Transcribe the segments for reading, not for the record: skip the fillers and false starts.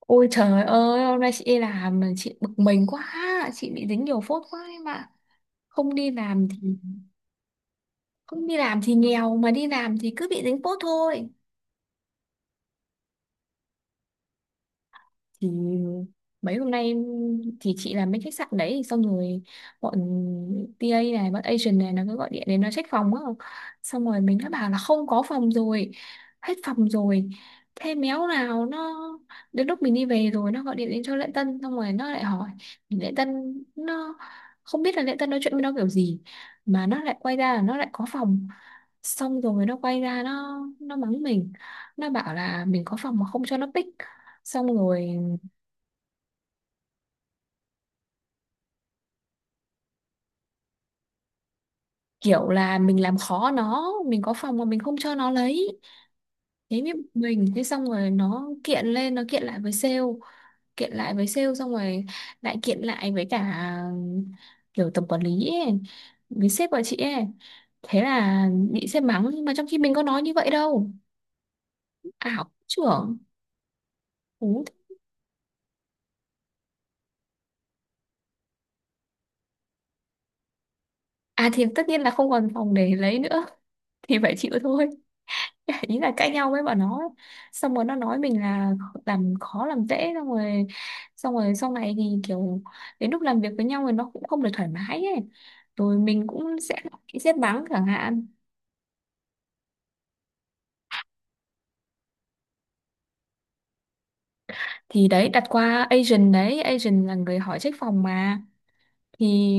Ôi trời ơi, hôm nay chị đi làm mà chị bực mình quá, chị bị dính nhiều phốt quá em ạ. Không đi làm thì không đi làm thì nghèo mà đi làm thì cứ bị dính phốt thôi. Thì mấy hôm nay em- thì chị làm bên khách sạn đấy, xong rồi bọn TA này, bọn agent này nó cứ gọi điện đến, nó check phòng á. Xong rồi mình đã bảo là không có phòng rồi, hết phòng rồi. Thế méo nào nó, đến lúc mình đi về rồi nó gọi điện đến cho lễ tân, xong rồi nó lại hỏi lễ tân. Nó không biết là lễ tân nói chuyện với nó kiểu gì mà nó lại quay ra là nó lại có phòng. Xong rồi nó quay ra nó mắng mình. Nó bảo là mình có phòng mà không cho nó pick. Xong rồi kiểu là mình làm khó nó, mình có phòng mà mình không cho nó lấy. Thế mới bực mình. Thế xong rồi nó kiện lên, nó kiện lại với sale, xong rồi lại kiện lại với cả kiểu tổng quản lý ấy, với sếp của chị ấy. Thế là bị sếp mắng nhưng mà trong khi mình có nói như vậy đâu. Ảo trưởng. Ú. À thì tất nhiên là không còn phòng để lấy nữa, thì phải chịu thôi. Ý là cãi nhau với bọn nó ấy. Xong rồi nó nói mình là làm khó làm dễ. Xong rồi sau này thì kiểu đến lúc làm việc với nhau thì nó cũng không được thoải mái ấy, rồi mình cũng sẽ bị sét mắng chẳng hạn. Thì đấy, đặt qua agent đấy, agent là người hỏi trách phòng mà. Thì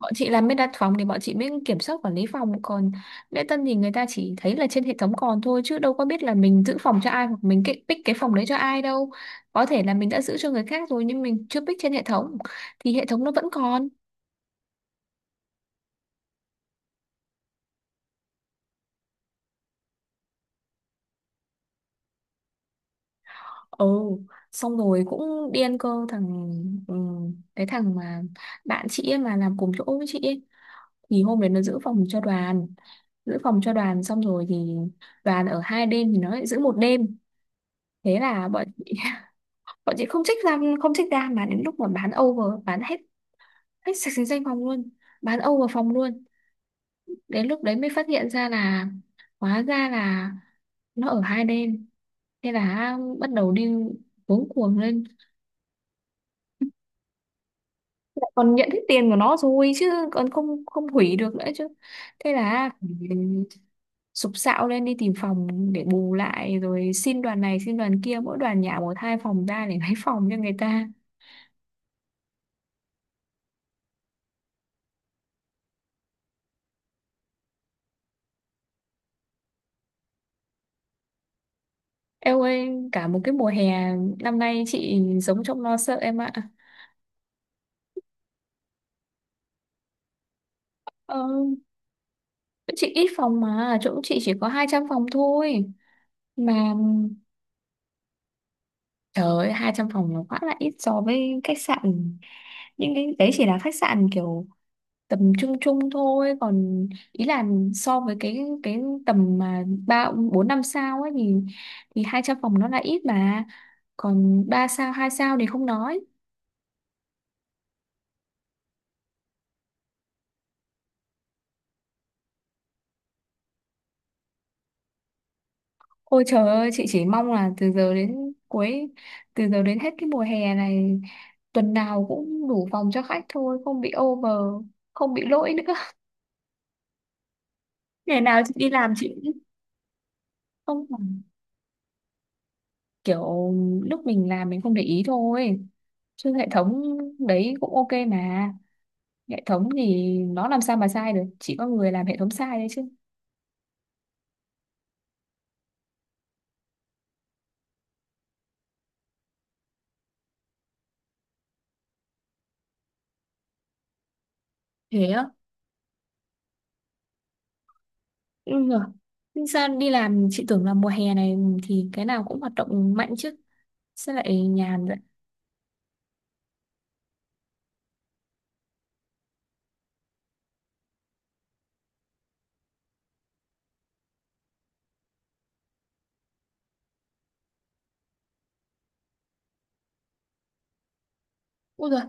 bọn chị làm bên đặt phòng thì bọn chị mới kiểm soát quản lý phòng, còn lễ tân thì người ta chỉ thấy là trên hệ thống còn thôi, chứ đâu có biết là mình giữ phòng cho ai hoặc mình pick cái phòng đấy cho ai đâu. Có thể là mình đã giữ cho người khác rồi nhưng mình chưa pick trên hệ thống, thì hệ thống nó vẫn còn. Ồ, xong rồi cũng điên cơ thằng, cái thằng mà bạn chị ấy mà làm cùng chỗ với chị ấy thì hôm đấy nó giữ phòng cho đoàn. Xong rồi thì đoàn ở 2 đêm thì nó lại giữ 1 đêm. Thế là bọn chị bọn chị không check ra, mà đến lúc mà bán over, bán hết, hết sạch sành sanh phòng luôn, bán over phòng luôn. Đến lúc đấy mới phát hiện ra là hóa ra là nó ở 2 đêm. Thế là bắt đầu đi cuống cuồng lên. Lại còn nhận hết tiền của nó rồi chứ còn không không hủy được nữa chứ. Thế là phải sụp sạo lên đi tìm phòng để bù lại, rồi xin đoàn này xin đoàn kia, mỗi đoàn nhả một hai phòng ra để lấy phòng cho người ta. Em ơi, cả một cái mùa hè năm nay chị sống trong lo sợ em ạ. Ờ, chỗ chị ít phòng mà, chỗ chị chỉ có 200 phòng thôi. Mà trời ơi, 200 phòng nó quá là ít so với khách sạn. Những cái đấy chỉ là khách sạn kiểu tầm trung trung thôi. Còn ý là so với cái tầm mà 3 4 5 sao ấy thì, 200 phòng nó là ít mà. Còn 3 sao, 2 sao thì không nói. Ôi trời ơi, chị chỉ mong là từ giờ đến cuối, từ giờ đến hết cái mùa hè này, tuần nào cũng đủ phòng cho khách thôi, không bị over, không bị lỗi nữa. Ngày nào chị đi làm chị cũng không làm. Kiểu lúc mình làm mình không để ý thôi. Chứ hệ thống đấy cũng ok mà. Hệ thống thì nó làm sao mà sai được, chỉ có người làm hệ thống sai đấy chứ. Thế á? Ừ. Nhưng sao đi làm chị tưởng là mùa hè này thì cái nào cũng hoạt động mạnh chứ. Sao lại nhàn vậy? Ui giời,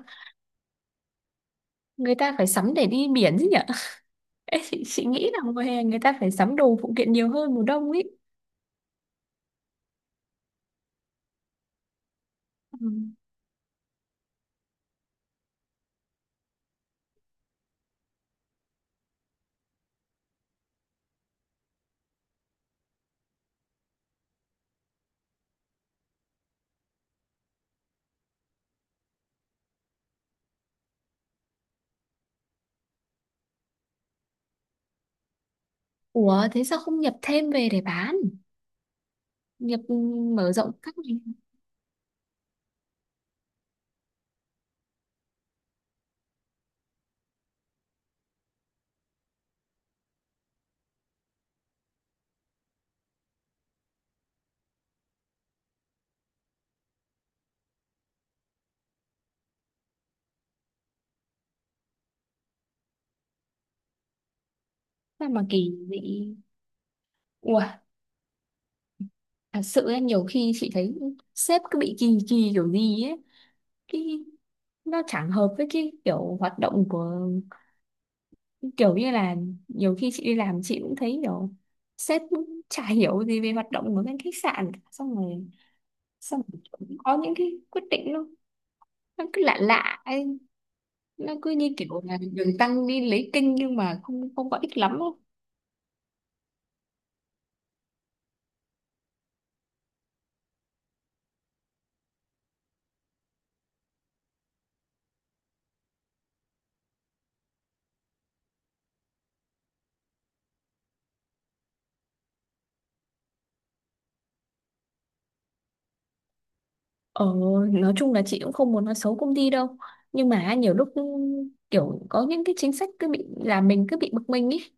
người ta phải sắm để đi biển chứ nhỉ. Ê, chị nghĩ là mùa hè người ta phải sắm đồ phụ kiện nhiều hơn mùa đông ấy. Ừ. Ủa thế sao không nhập thêm về để bán, nhập ừ, mở rộng các ngành. Sao mà kỳ dị. Ủa, thật sự ấy, nhiều khi chị thấy sếp cứ bị kỳ kỳ kiểu gì ấy, cái nó chẳng hợp với cái kiểu hoạt động của cái kiểu như là nhiều khi chị đi làm chị cũng thấy kiểu sếp cũng chả hiểu gì về hoạt động của bên khách sạn cả. xong rồi cũng có những cái quyết định nó cứ lạ lạ ấy. Nó cứ như kiểu là đường tăng đi lấy kinh nhưng mà không không có ích lắm đâu. Ờ, nói chung là chị cũng không muốn nói xấu công ty đâu, nhưng mà nhiều lúc kiểu có những cái chính sách cứ bị làm mình cứ bị bực mình ý.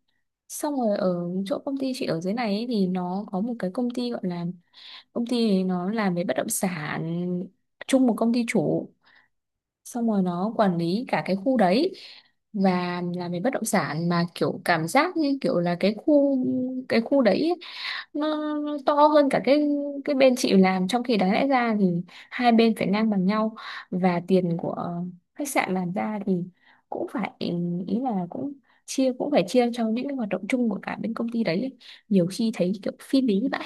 Xong rồi ở chỗ công ty chị ở dưới này ấy, thì nó có một cái công ty gọi là, công ty ấy nó làm về bất động sản, chung một công ty chủ. Xong rồi nó quản lý cả cái khu đấy và làm về bất động sản, mà kiểu cảm giác như kiểu là cái khu đấy ấy, nó to hơn cả cái bên chị làm, trong khi đáng lẽ ra thì hai bên phải ngang bằng nhau. Và tiền của khách sạn làm ra thì cũng phải, ý là cũng chia cũng phải chia cho những cái hoạt động chung của cả bên công ty đấy ấy. Nhiều khi thấy kiểu phi lý vậy.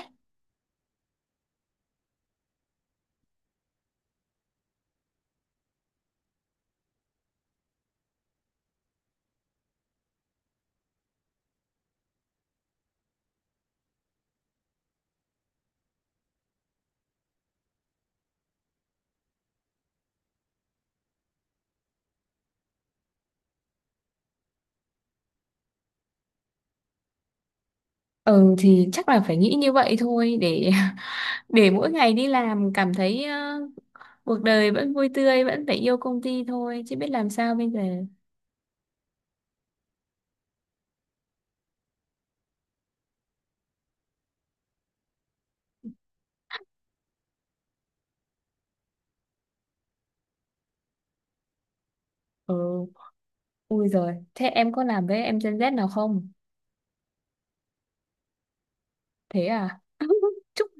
Ừ thì chắc là phải nghĩ như vậy thôi, để để mỗi ngày đi làm cảm thấy cuộc đời vẫn vui tươi, vẫn phải yêu công ty thôi chứ biết làm sao bây giờ. Ừ, ui rồi, thế em có làm với em Gen Z nào không? Thế à? Chúc.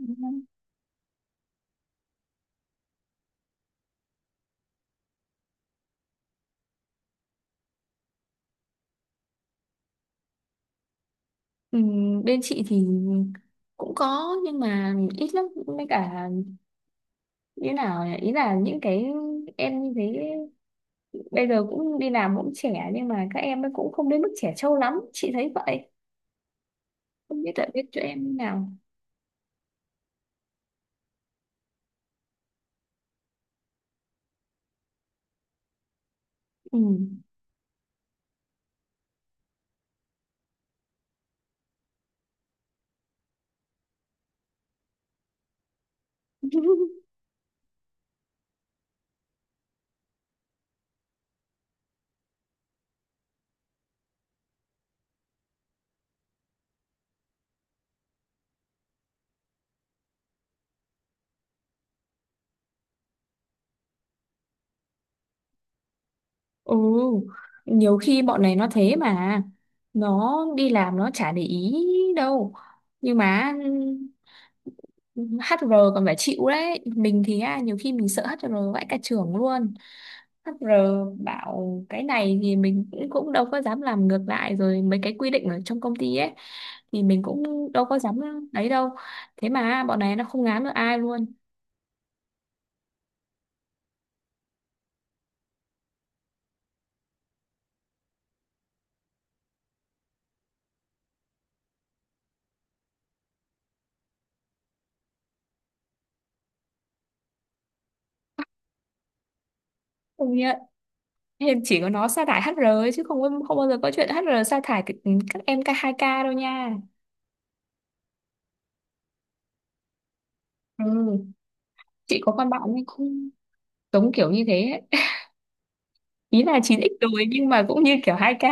Bên chị thì cũng có nhưng mà ít lắm, với cả như nào nhỉ? Ý là những cái em như thế bây giờ cũng đi làm cũng trẻ, nhưng mà các em ấy cũng không đến mức trẻ trâu lắm, chị thấy vậy. Không biết tại biết cho em như nào. Ừ. Ừ, nhiều khi bọn này nó thế mà nó đi làm nó chả để ý đâu. Nhưng mà HR còn phải chịu đấy, mình thì á, nhiều khi mình sợ HR vãi cả trưởng luôn. HR bảo cái này thì mình cũng cũng đâu có dám làm ngược lại, rồi mấy cái quy định ở trong công ty ấy thì mình cũng đâu có dám đấy đâu. Thế mà bọn này nó không ngán được ai luôn. Công nhận. Em chỉ có nó sa thải HR ấy, chứ không không bao giờ có chuyện HR sa thải các em 2K đâu nha. Ừ, chị có con bạn ấy cũng giống kiểu như thế ấy. Ý là 9x rồi nhưng mà cũng như kiểu 2K ấy.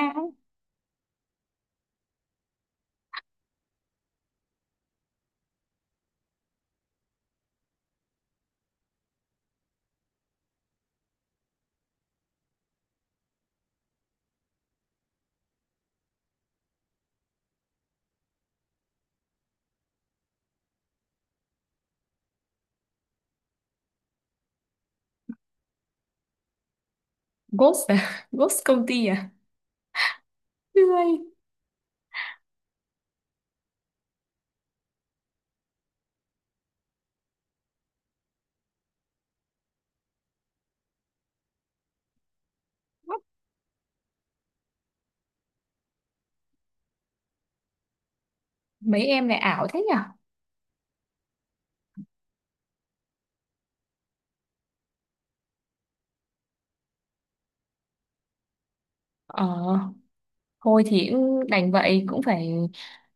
Ghost à? Ghost công ty à? Ui, mấy em lại ảo thế nhỉ? Ờ, thôi thì cũng đành vậy cũng phải,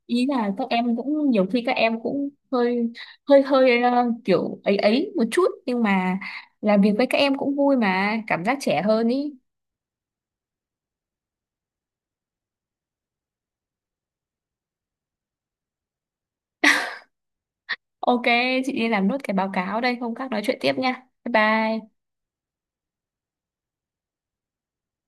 ý là các em cũng nhiều khi các em cũng hơi hơi hơi kiểu ấy ấy một chút, nhưng mà làm việc với các em cũng vui mà cảm giác trẻ hơn ý. Ok, chị đi làm nốt cái báo cáo đây, hôm khác nói chuyện tiếp nha. Bye bye.